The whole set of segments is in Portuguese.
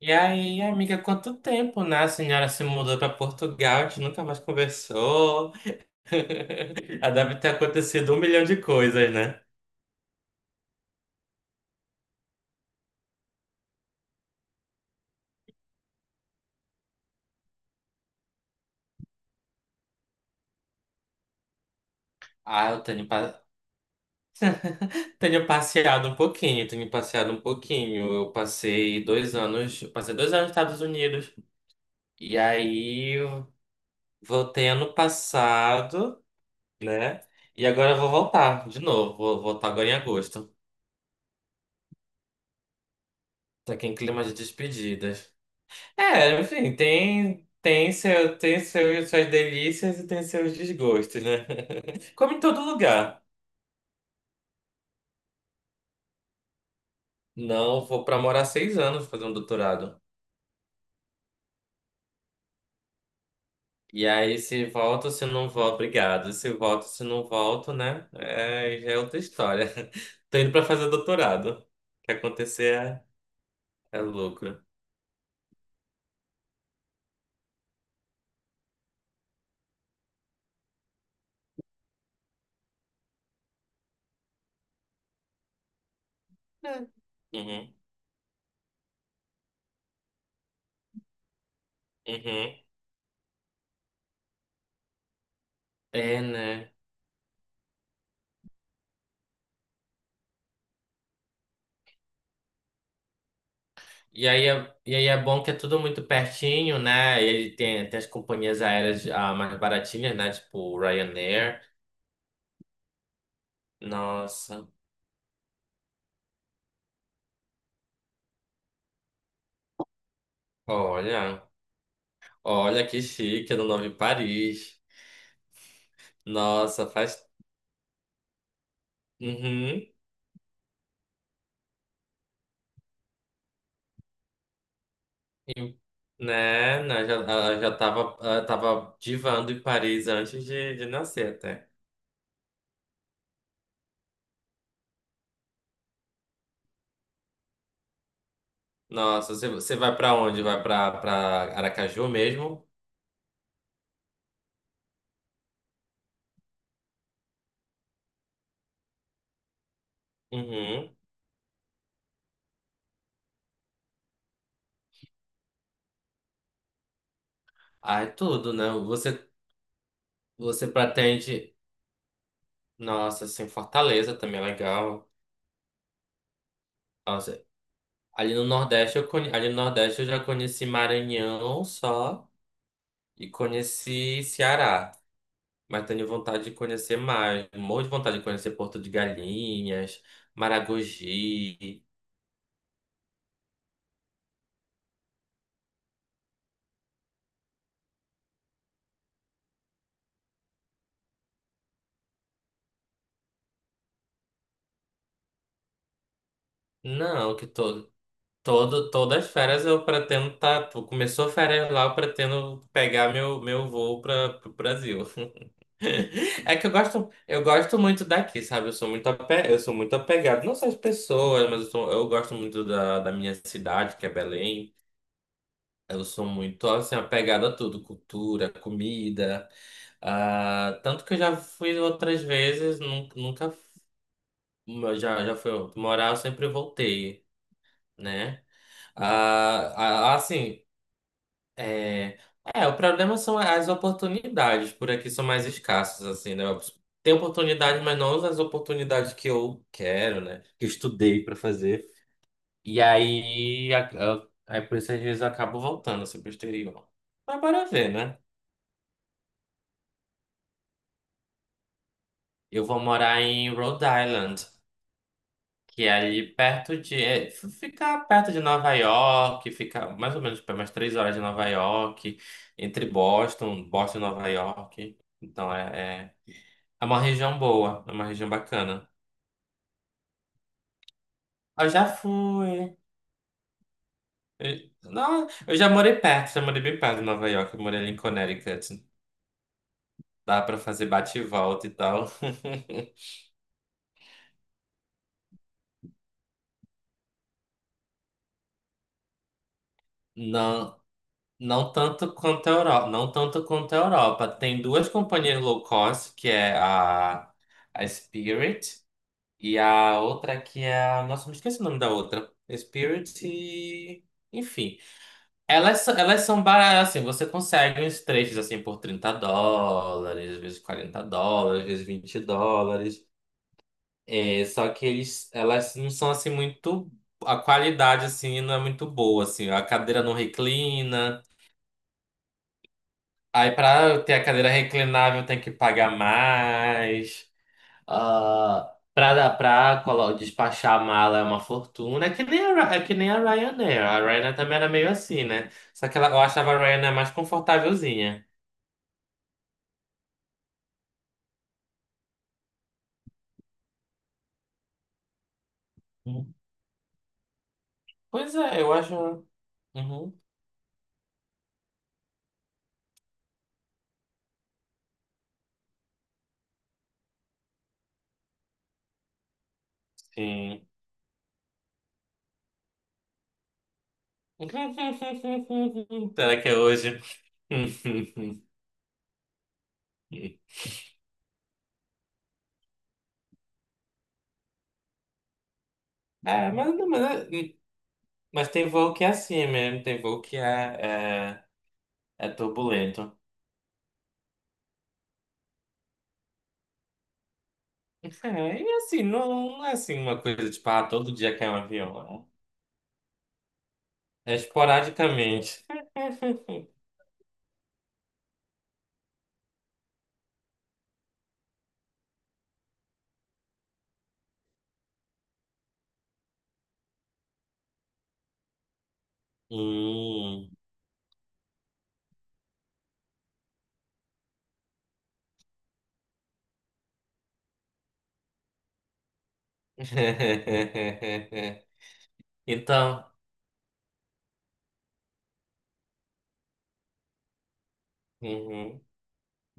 E aí, amiga, quanto tempo, né? A senhora se mudou para Portugal, a gente nunca mais conversou. Ah, deve ter acontecido um milhão de coisas, né? Ah, tenho passeado um pouquinho, tenho passeado um pouquinho. Eu passei 2 anos nos Estados Unidos. E aí, eu voltei ano passado, né? E agora eu vou voltar de novo, vou voltar agora em agosto. Tá aqui em clima de despedidas. É, enfim, tem, tem, seu, tem seus, suas delícias e tem seus desgostos, né? Como em todo lugar. Não, vou para morar 6 anos fazer um doutorado. E aí, se volto, se não volto, obrigado. Se volto, se não volto, né? É, já é outra história. Tô indo para fazer doutorado. O que acontecer é lucro. É. Uhum, uhum. É, né? E aí é bom que é tudo muito pertinho, né? Ele tem as companhias aéreas mais baratinhas, né? Tipo Ryanair. Nossa, olha, olha que chique, é no nome Paris. Nossa, faz. Uhum. E, né? né, já, ela já tava, ela tava divando em Paris antes de nascer até. Nossa, você vai pra onde? Vai pra Aracaju mesmo? Uhum. Ai, tudo, né? Você pretende. Nossa, assim, Fortaleza também é legal. Nossa, ali no Nordeste eu já conheci Maranhão só e conheci Ceará. Mas tenho vontade de conhecer mais. Morro de vontade de conhecer Porto de Galinhas, Maragogi. Não, que todas as férias eu pretendo estar. Tá. Começou férias lá, eu pretendo pegar meu voo para o Brasil. É que eu gosto muito daqui, sabe? Eu sou muito apegado, não só às pessoas, mas eu gosto muito da minha cidade, que é Belém. Eu sou muito assim apegado a tudo, cultura, comida. Tanto que eu já fui outras vezes, nunca, já fui morar, eu sempre voltei, né? Assim. É, é, o problema são as oportunidades. Por aqui são mais escassas, assim, né? Tem oportunidade, mas não as oportunidades que eu quero, né? Que eu estudei para fazer. E aí, por isso às vezes eu acabo voltando assim, pro exterior. Mas bora ver, né? Eu vou morar em Rhode Island, que é ali perto de. É, f- fica perto de Nova York, fica mais ou menos para umas 3 horas de Nova York, entre Boston e Nova York. É uma região boa, é uma região bacana. Eu já fui. Não, eu já morei bem perto de Nova York, eu morei ali em Connecticut. Dá pra fazer bate e volta e tal. Não, não tanto quanto a Europa, não tanto quanto a Europa. Tem duas companhias low cost, que é a Spirit e a outra que é a, nossa, me esqueci o nome da outra. Spirit e, enfim. Elas são baratas, assim, você consegue uns trechos assim por US$ 30, às vezes US$ 40, às vezes US$ 20. É, só que eles, elas não são assim muito. A qualidade assim não é muito boa, assim. A cadeira não reclina. Aí para ter a cadeira reclinável tem que pagar mais. Ah, para despachar a mala é uma fortuna. É que nem a Ryanair. A Ryanair também era meio assim, né? Só que ela, eu achava a Ryanair mais confortávelzinha. Uhum. Pois é, eu acho. Uhum, sim. Será que é hoje? É, mas tem voo que é assim mesmo, tem voo que é, é turbulento. É, e assim, não, não é assim uma coisa tipo, todo dia cai um avião. É, é esporadicamente. Hum. Então. Uhum.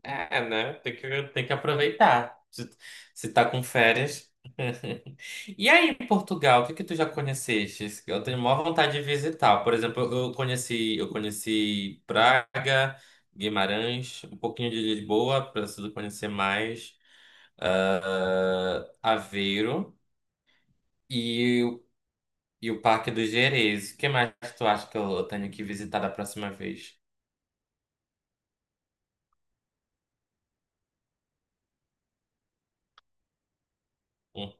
É, né? Tem que aproveitar. Se tá com férias. E aí, em Portugal, o que que tu já conheceste? Eu tenho maior vontade de visitar. Por exemplo, eu conheci Praga, Guimarães, um pouquinho de Lisboa, preciso conhecer mais. Aveiro e, o- e o Parque do Gerês. O que mais tu acha que eu tenho que visitar da próxima vez? Hum.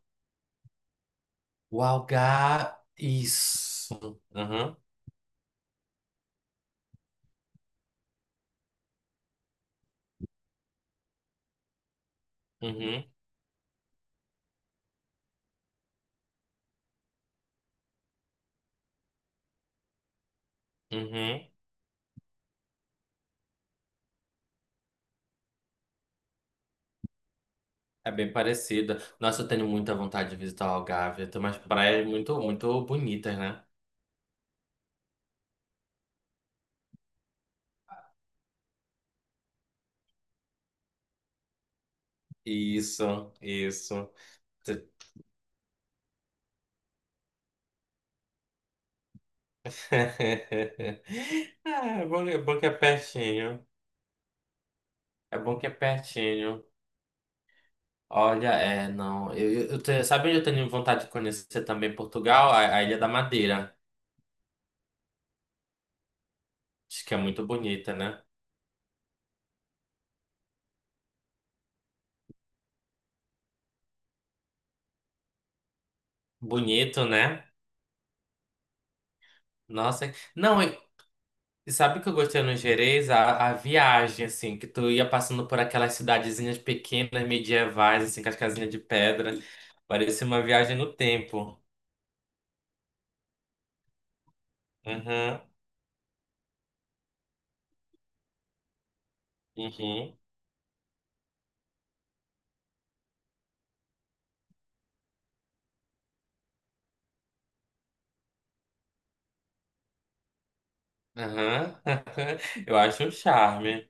O Algarve. Isso. Uhum. Uhum. Uhum. É bem parecida. Nossa, eu tenho muita vontade de visitar o Algarve. Tem umas praias muito, muito bonitas, né? Isso, isso. Ah, é bom que é pertinho. É bom que é pertinho. Olha, é, não. Sabe onde eu tenho vontade de conhecer também Portugal? A Ilha da Madeira. Acho que é muito bonita, né? Bonito, né? Nossa. Não, e sabe o que eu gostei no Gerês? A viagem, assim, que tu ia passando por aquelas cidadezinhas pequenas, medievais, assim, com as casinhas de pedra. Parecia uma viagem no tempo. Uhum, uhum, uhum. Eu acho um charme.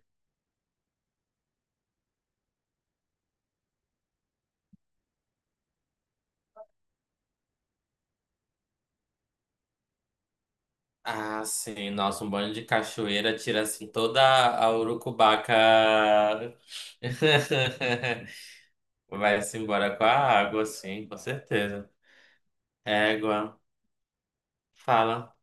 Ah, sim, nossa, um banho de cachoeira tira, assim, toda a urucubaca. Vai-se embora com a água, sim, com certeza. Égua, fala.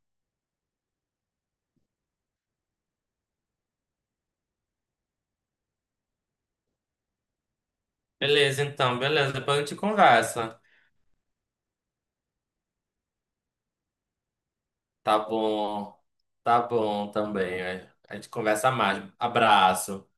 Beleza, então, beleza, depois a gente conversa. Tá bom. Tá bom também. É. A gente conversa mais. Abraço.